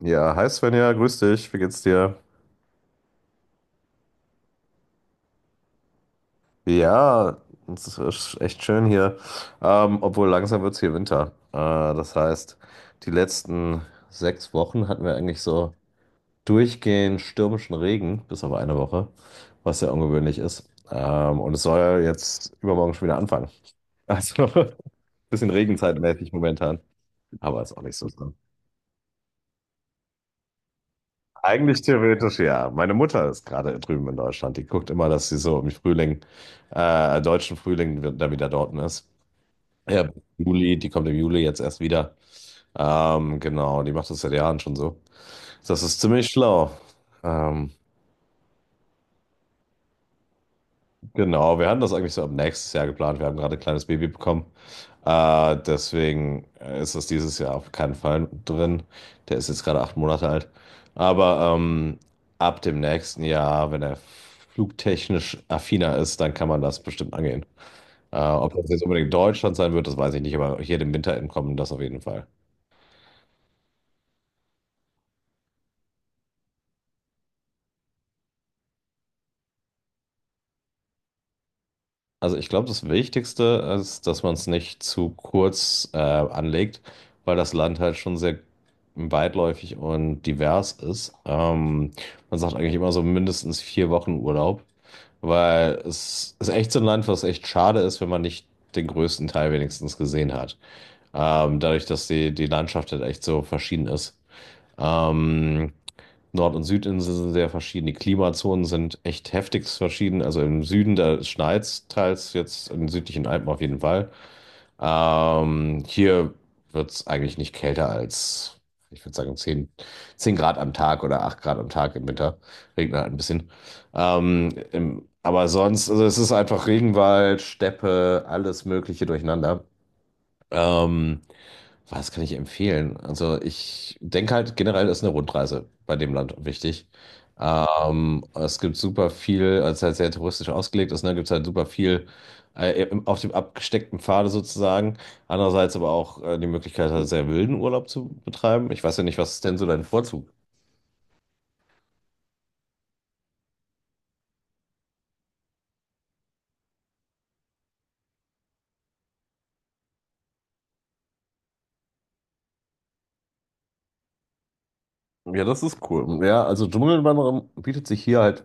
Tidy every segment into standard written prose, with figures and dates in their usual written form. Ja, hi Svenja, grüß dich, wie geht's dir? Ja, es ist echt schön hier. Obwohl langsam wird's hier Winter. Das heißt, die letzten 6 Wochen hatten wir eigentlich so durchgehend stürmischen Regen, bis auf eine Woche, was sehr ungewöhnlich ist. Und es soll ja jetzt übermorgen schon wieder anfangen. Also, bisschen regenzeitmäßig momentan, aber ist auch nicht so. Eigentlich theoretisch ja. Meine Mutter ist gerade drüben in Deutschland. Die guckt immer, dass sie so im Frühling, deutschen Frühling, da wieder dort ist. Ja, Juli, die kommt im Juli jetzt erst wieder. Genau, die macht das seit Jahren schon so. Das ist ziemlich schlau. Ähm, Genau, wir hatten das eigentlich so ab nächstes Jahr geplant. Wir haben gerade ein kleines Baby bekommen. Deswegen ist das dieses Jahr auf keinen Fall drin. Der ist jetzt gerade 8 Monate alt. Aber ab dem nächsten Jahr, wenn er flugtechnisch affiner ist, dann kann man das bestimmt angehen. Ob das jetzt unbedingt Deutschland sein wird, das weiß ich nicht, aber hier dem Winter entkommen, das auf jeden Fall. Also ich glaube, das Wichtigste ist, dass man es nicht zu kurz anlegt, weil das Land halt schon sehr weitläufig und divers ist. Man sagt eigentlich immer so mindestens 4 Wochen Urlaub, weil es ist echt so ein Land, was echt schade ist, wenn man nicht den größten Teil wenigstens gesehen hat. Dadurch, dass die Landschaft halt echt so verschieden ist. Ähm, Nord- und Südinsel sind sehr verschieden. Die Klimazonen sind echt heftigst verschieden. Also im Süden, da schneit's teils jetzt in den südlichen Alpen auf jeden Fall. Hier wird's eigentlich nicht kälter als, ich würde sagen, zehn Grad am Tag oder 8 Grad am Tag im Winter. Regnet halt ein bisschen. Aber sonst, also es ist einfach Regenwald, Steppe, alles Mögliche durcheinander. Ähm, was kann ich empfehlen? Also ich denke halt generell ist eine Rundreise bei dem Land wichtig. Es gibt super viel, als es halt sehr touristisch ausgelegt ist, ne, gibt es halt super viel auf dem abgesteckten Pfade sozusagen. Andererseits aber auch die Möglichkeit, halt sehr wilden Urlaub zu betreiben. Ich weiß ja nicht, was ist denn so dein Vorzug? Ja, das ist cool. Ja, also Dschungelwanderung bietet sich hier halt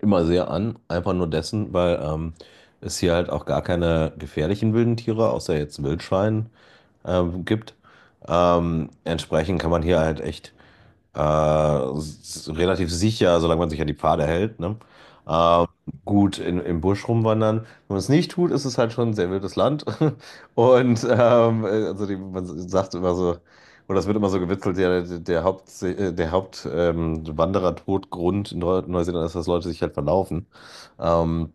immer sehr an, einfach nur dessen, weil es hier halt auch gar keine gefährlichen wilden Tiere, außer jetzt Wildschwein, gibt. Entsprechend kann man hier halt echt relativ sicher, solange man sich an die Pfade hält, ne? Ähm, gut im Busch rumwandern. Wenn man es nicht tut, ist es halt schon ein sehr wildes Land. Man sagt immer so, oder es wird immer so gewitzelt, ja, der Haupt- Wanderer-Todgrund in Neuseeland ist, dass Leute sich halt verlaufen. Ähm,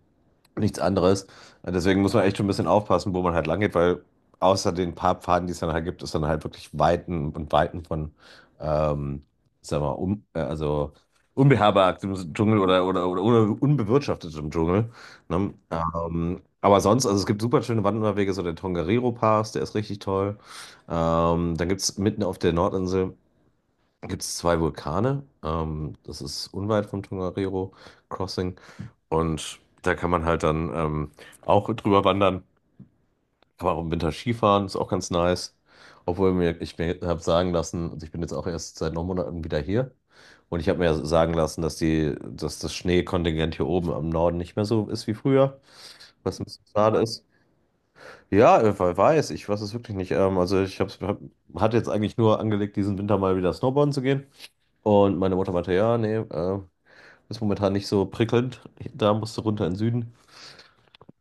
nichts anderes. Deswegen muss man echt schon ein bisschen aufpassen, wo man halt lang geht, weil außer den paar Pfaden, die es dann halt gibt, ist dann halt wirklich Weiten und Weiten von, ähm, sagen wir mal, also unbeherbergtem Dschungel oder unbewirtschaftetem Dschungel. Ne? Aber sonst, also es gibt super schöne Wanderwege, so der Tongariro Pass, der ist richtig toll. Dann gibt es mitten auf der Nordinsel gibt's zwei Vulkane. Das ist unweit vom Tongariro Crossing. Und da kann man halt dann auch drüber wandern. Kann man auch im Winter Skifahren, ist auch ganz nice. Obwohl mir, ich mir habe sagen lassen, also ich bin jetzt auch erst seit 9 Monaten wieder hier. Und ich habe mir sagen lassen, dass das Schneekontingent hier oben am Norden nicht mehr so ist wie früher, was ein bisschen schade ist. Ja, weiß ich, weiß es wirklich nicht. Also ich hatte jetzt eigentlich nur angelegt, diesen Winter mal wieder Snowboarden zu gehen. Und meine Mutter meinte, ja, nee, ist momentan nicht so prickelnd. Da musst du runter in den Süden.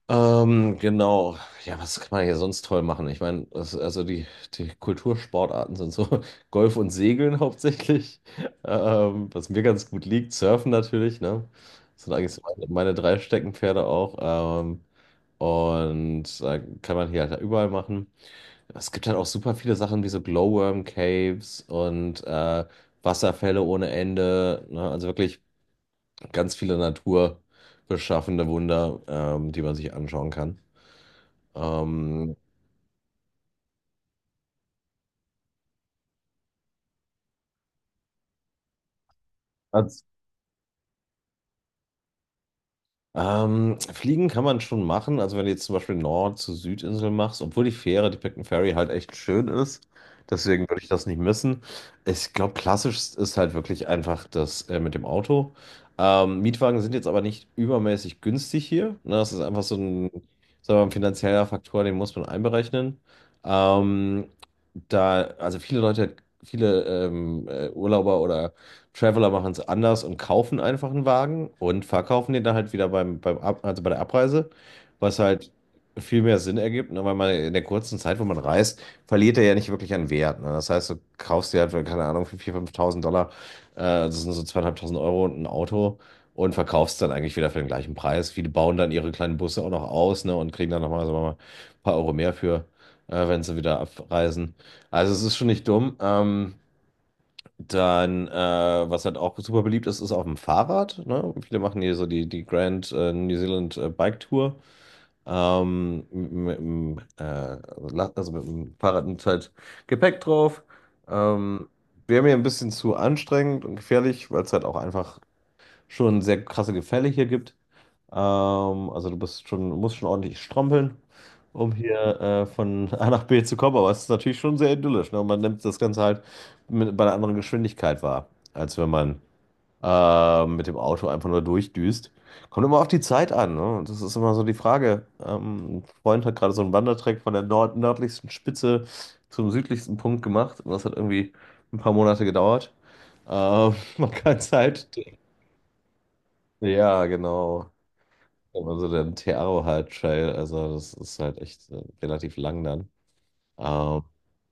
Genau. Ja, was kann man hier sonst toll machen? Ich meine, die Kultursportarten sind so Golf und Segeln hauptsächlich, was mir ganz gut liegt. Surfen natürlich, ne? Das sind eigentlich so meine drei Steckenpferde auch. Ähm, und da kann man hier halt überall machen. Es gibt halt auch super viele Sachen wie so Glowworm Caves und Wasserfälle ohne Ende. Ne? Also wirklich ganz viele naturbeschaffende Wunder, die man sich anschauen kann. Ähm, als, Fliegen kann man schon machen. Also wenn du jetzt zum Beispiel Nord- zu Südinsel machst, obwohl die Fähre, die Picton Ferry halt echt schön ist. Deswegen würde ich das nicht missen. Ich glaube, klassisch ist halt wirklich einfach das mit dem Auto. Mietwagen sind jetzt aber nicht übermäßig günstig hier. Ne? Das ist einfach so ein, sagen wir mal, ein finanzieller Faktor, den muss man einberechnen. Ähm, da, also viele Leute, Viele Urlauber oder Traveler machen es anders und kaufen einfach einen Wagen und verkaufen den dann halt wieder beim, also bei der Abreise, was halt viel mehr Sinn ergibt, ne? Weil man in der kurzen Zeit, wo man reist, verliert er ja nicht wirklich an Wert. Ne? Das heißt, du kaufst dir halt, für, keine Ahnung, für 4.000, 5.000 Dollar, das sind so 2.500 Euro und ein Auto und verkaufst dann eigentlich wieder für den gleichen Preis. Viele bauen dann ihre kleinen Busse auch noch aus, ne? Und kriegen dann nochmal, sagen wir mal, ein paar Euro mehr für, wenn sie wieder abreisen. Also es ist schon nicht dumm. Dann, äh, was halt auch super beliebt ist, ist auf dem Fahrrad. Ne? Viele machen hier so die Grand New Zealand Bike Tour. Ähm, mit, mit, dem, äh, also mit dem Fahrrad mit halt Gepäck drauf. Ähm, Wäre mir ein bisschen zu anstrengend und gefährlich, weil es halt auch einfach schon sehr krasse Gefälle hier gibt. Also du bist schon, musst schon ordentlich strampeln um hier von A nach B zu kommen. Aber es ist natürlich schon sehr idyllisch. Ne? Und man nimmt das Ganze halt mit, bei einer anderen Geschwindigkeit wahr, als wenn man mit dem Auto einfach nur durchdüst. Kommt immer auf die Zeit an. Ne? Das ist immer so die Frage. Ein Freund hat gerade so einen Wandertrack von der nord nördlichsten Spitze zum südlichsten Punkt gemacht. Und das hat irgendwie ein paar Monate gedauert. Man kann es halt. Ja, genau. Also der Tearo halt Trail, also das ist halt echt relativ lang dann. Ähm,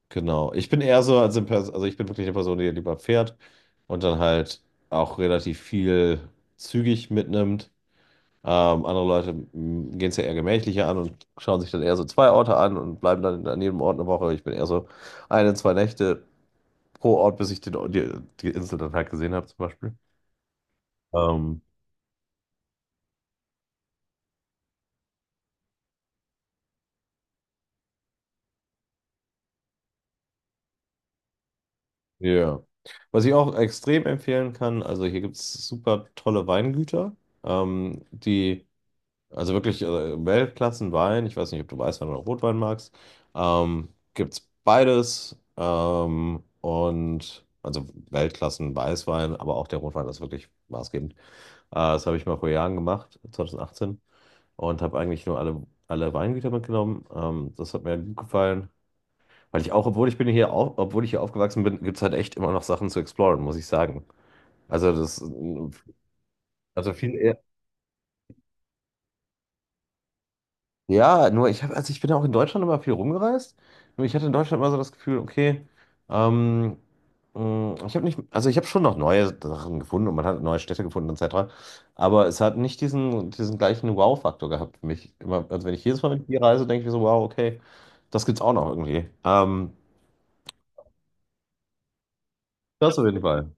genau. Ich bin eher so, also ich bin wirklich eine Person, die lieber fährt und dann halt auch relativ viel zügig mitnimmt. Andere Leute gehen es ja eher gemächlicher an und schauen sich dann eher so zwei Orte an und bleiben dann an jedem Ort eine Woche. Ich bin eher so eine, zwei Nächte pro Ort, bis ich die Insel dann halt gesehen habe, zum Beispiel. Ähm, ja. Was ich auch extrem empfehlen kann, also hier gibt es super tolle Weingüter, die Also wirklich Weltklassenwein. Ich weiß nicht, ob du Weißwein oder Rotwein magst. Ähm, gibt's beides. Und also Weltklassen Weißwein, aber auch der Rotwein ist wirklich maßgebend. Das habe ich mal vor Jahren gemacht, 2018, und habe eigentlich nur alle Weingüter mitgenommen. Das hat mir gut gefallen. Weil ich auch, obwohl ich hier aufgewachsen bin, gibt's halt echt immer noch Sachen zu exploren, muss ich sagen. Also das, also viel, Ja, nur ich habe, also ich bin auch in Deutschland immer viel rumgereist. Nur ich hatte in Deutschland immer so das Gefühl, okay, ähm, mh, ich habe nicht, also ich habe schon noch neue Sachen gefunden und man hat neue Städte gefunden etc. Aber es hat nicht diesen gleichen Wow-Faktor gehabt für mich. Immer, also wenn ich jedes Mal mit dir reise, denke ich mir so, wow, okay, das gibt's auch noch irgendwie. Das auf jeden Fall.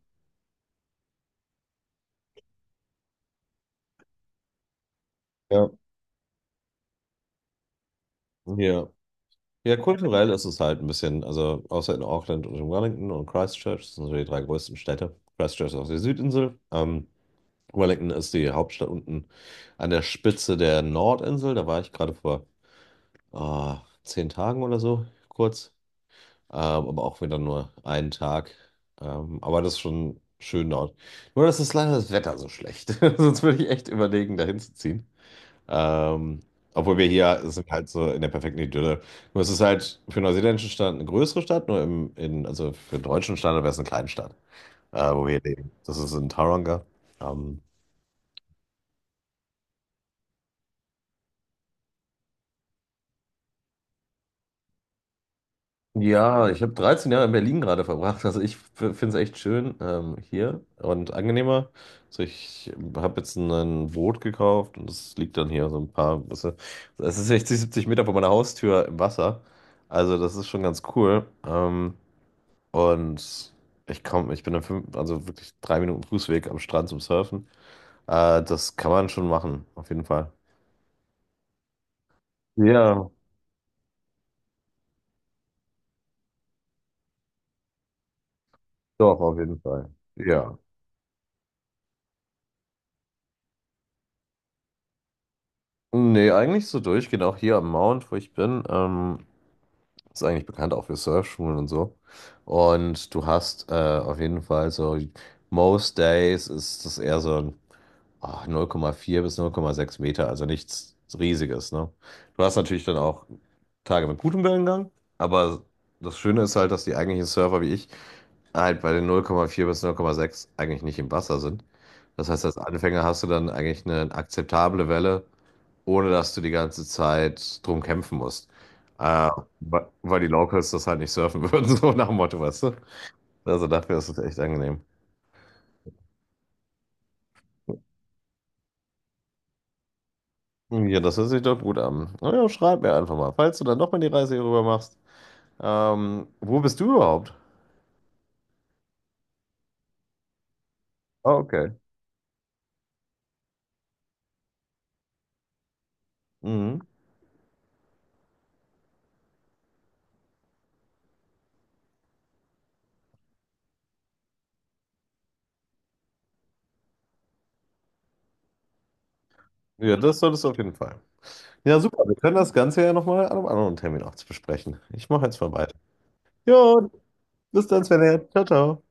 Ja. Ja. Ja, kulturell ist es halt ein bisschen, also außer in Auckland und in Wellington und Christchurch, das sind so die drei größten Städte. Christchurch ist auf der Südinsel. Wellington ist die Hauptstadt unten an der Spitze der Nordinsel. Da war ich gerade vor ah, 10 Tagen oder so, kurz. Ähm, aber auch wieder nur einen Tag. Aber das ist schon schön dort. Nur, dass ist leider das Wetter so schlecht. Sonst würde ich echt überlegen, dahin zu ziehen. Ähm, obwohl wir hier sind halt so in der perfekten Idylle. Nur es ist halt für einen neuseeländischen Standard eine größere Stadt, nur also für den deutschen Standard wäre es eine Kleinstadt, wo wir leben. Das ist in Tauranga. Ähm, Ja, ich habe 13 Jahre in Berlin gerade verbracht. Also ich finde es echt schön hier und angenehmer. Also ich habe jetzt ein Boot gekauft und es liegt dann hier so ein paar, weißt du, es ist 60, 70 Meter vor meiner Haustür im Wasser. Also das ist schon ganz cool. Und Ich bin dann fünf, also wirklich drei Minuten Fußweg am Strand zum Surfen. Das kann man schon machen, auf jeden Fall. Ja, doch, auf jeden Fall. Ja. Nee, eigentlich so durchgehend, auch hier am Mount, wo ich bin. Ist eigentlich bekannt auch für Surfschulen und so. Und du hast auf jeden Fall so, most days ist das eher so ein, 0,4 bis 0,6 Meter, also nichts Riesiges, ne? Du hast natürlich dann auch Tage mit gutem Wellengang, aber das Schöne ist halt, dass die eigentlichen Surfer wie ich halt bei den 0,4 bis 0,6 eigentlich nicht im Wasser sind. Das heißt, als Anfänger hast du dann eigentlich eine akzeptable Welle, ohne dass du die ganze Zeit drum kämpfen musst. Äh, Weil die Locals das halt nicht surfen würden, so nach dem Motto, weißt du? Also dafür ist es echt angenehm. Ja, das hört sich doch gut an. Na ja, schreib mir einfach mal, falls du dann doch mal die Reise hier rüber machst. Wo bist du überhaupt? Ah, okay. Mhm. Ja, das solltest du auf jeden Fall. Ja, super. Wir können das Ganze ja nochmal an einem anderen Termin auch besprechen. Ich mache jetzt mal weiter. Jo, bis dann, Sven. Ciao, ciao.